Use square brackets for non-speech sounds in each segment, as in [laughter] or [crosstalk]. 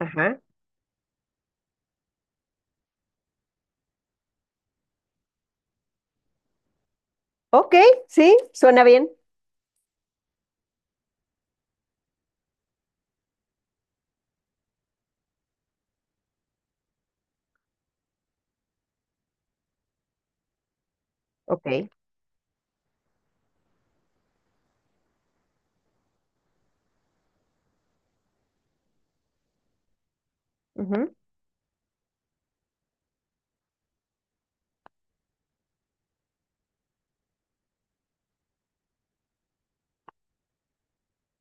Ajá. Ok, sí, suena bien. Ok. Ujú.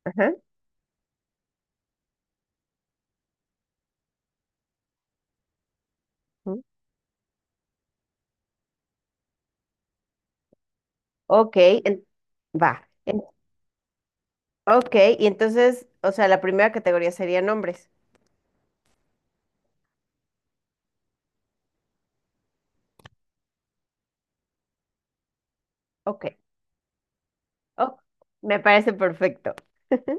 Ajá. Ujú. Ok, en- va. En- ok, y entonces, o sea, la primera categoría sería nombres. Ok, oh, me parece perfecto. [laughs]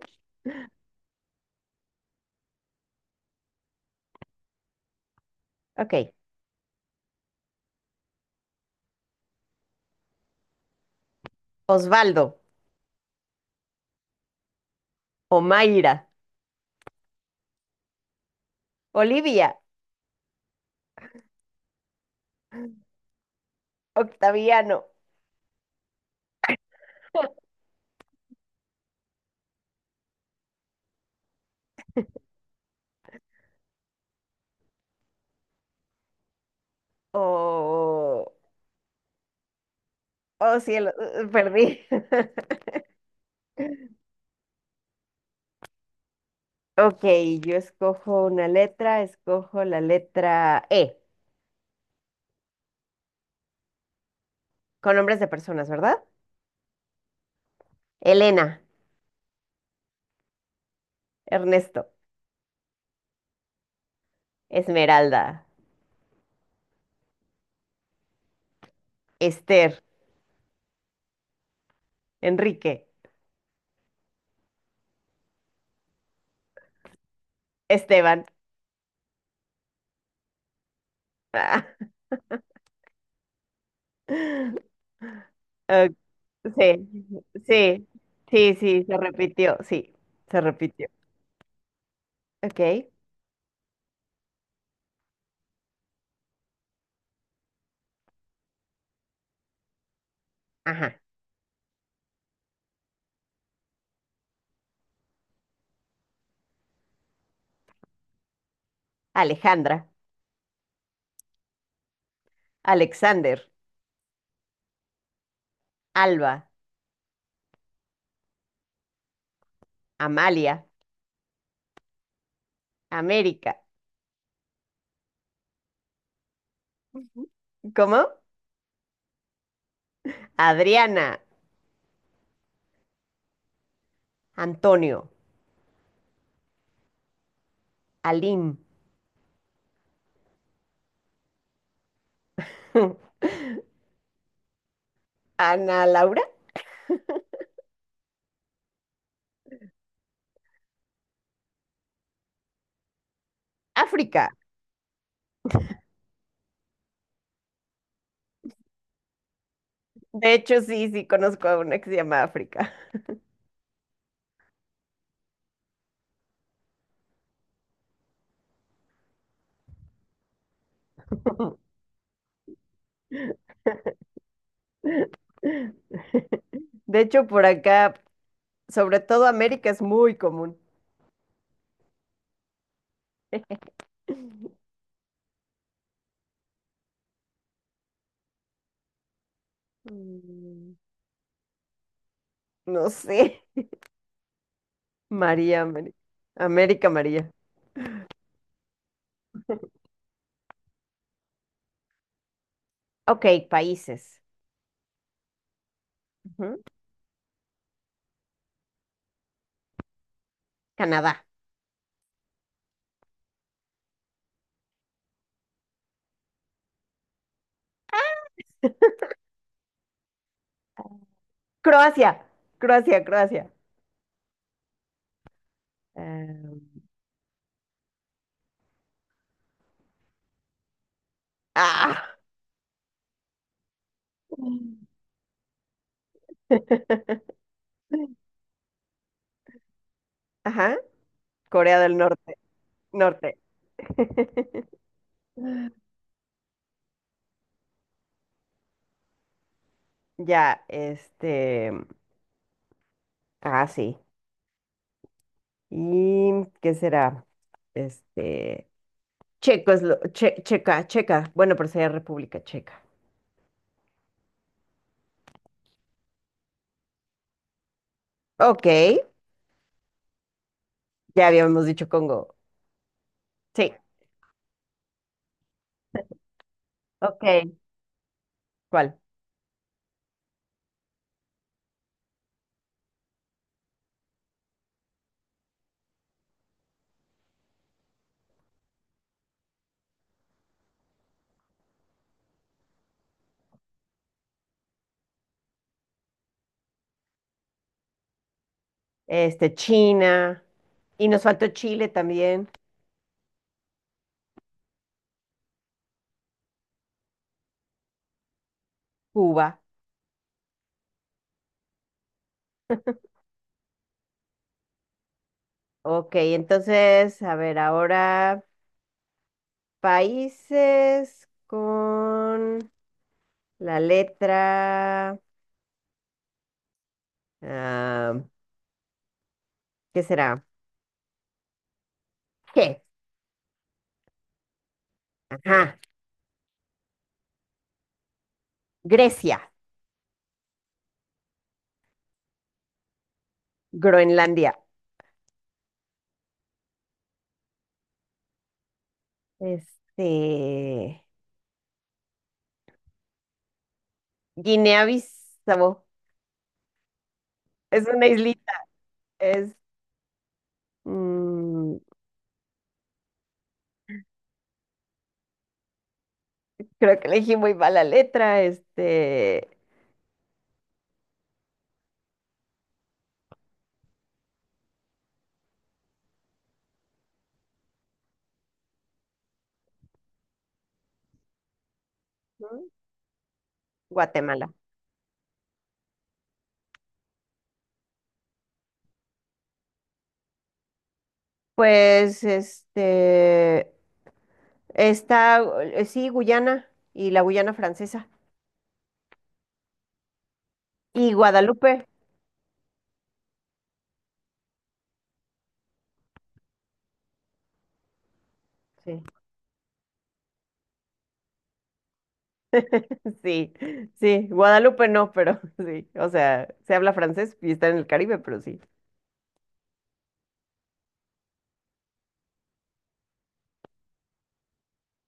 Ok, Osvaldo, Omaira, Olivia, Octaviano. [laughs] Oh, oh cielo, perdí. [laughs] Ok, yo escojo una letra, escojo la letra E, con nombres de personas, ¿verdad? Elena, Ernesto. Esmeralda, Esther, Enrique, Esteban. Ah. [laughs] Ok, sí, sí, sí, sí, se repitió, sí, se repitió. Ok, ajá. Alejandra, Alexander, Alba, Amalia, América. ¿Cómo? Adriana, Antonio, Aline. [laughs] Ana Laura, África. De hecho, sí, sí, conozco a una que se llama África. [laughs] De hecho, por acá sobre todo América es muy común. Mm, no sé. [laughs] María, Ameri- América, María. Ok, países. Ujú. Canadá. Croacia. Croacia, Croacia. Em, ah. [laughs] Ajá. Corea del Norte. Norte. [laughs] Ya, este. Ah, sí. ¿Y qué será? Este. Checo es lo- che- checa, checa. Bueno, pero sería República Checa. Ok. Ya habíamos dicho Congo. Sí. Ok. ¿Cuál? Este, China. Y nos faltó Chile también. Cuba. Ok, entonces, a ver, ahora países con la letra... ah, ¿qué será? G. Ajá. Grecia. Groenlandia. Este... Guinea-Bissau. Es una islita. Es... mm, creo que elegí muy mala letra. Este... Guatemala. Pues este está sí, Guyana y la Guyana francesa. Y Guadalupe. Sí. [laughs] Sí, sí, Guadalupe no, pero [laughs] sí. O sea, se habla francés y está en el Caribe, pero sí.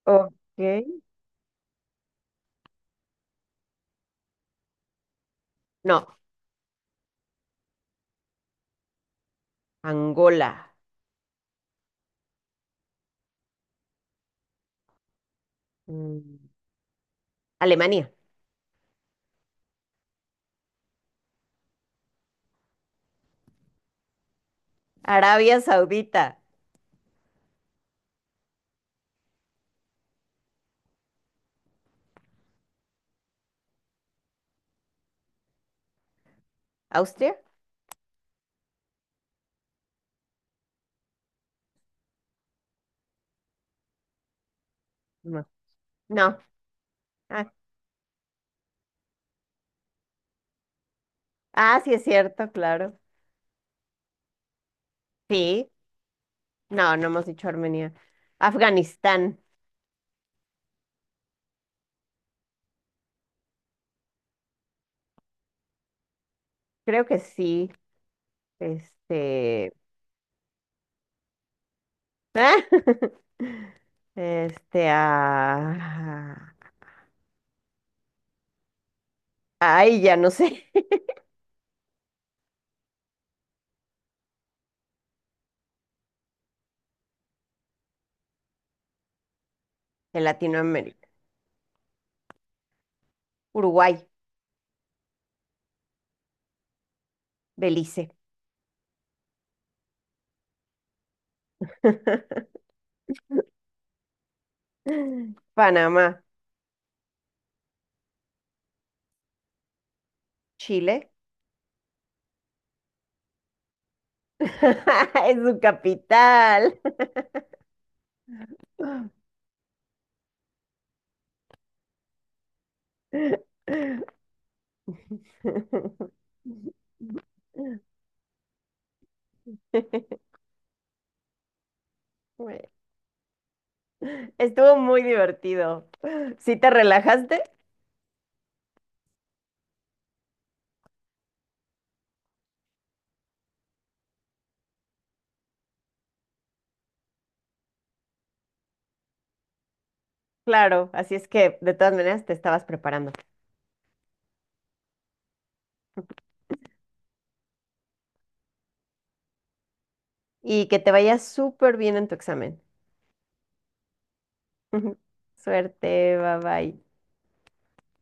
Ok. No, Angola. Mm, Alemania. Arabia Saudita. ¿Austria? No. No. Ah, ah, sí es cierto, claro. Sí. No, no hemos dicho Armenia. Afganistán. Creo que sí. Este. [laughs] Este. Ah, ay, ya no sé. [laughs] En Latinoamérica. Uruguay, Belice. [laughs] Panamá, Chile. [laughs] Es su capital. [laughs] Bueno, estuvo muy divertido. ¿Sí te relajaste? Claro, así es que de todas maneras te estabas preparando. Y que te vaya súper bien en tu examen. [laughs] Suerte, bye bye.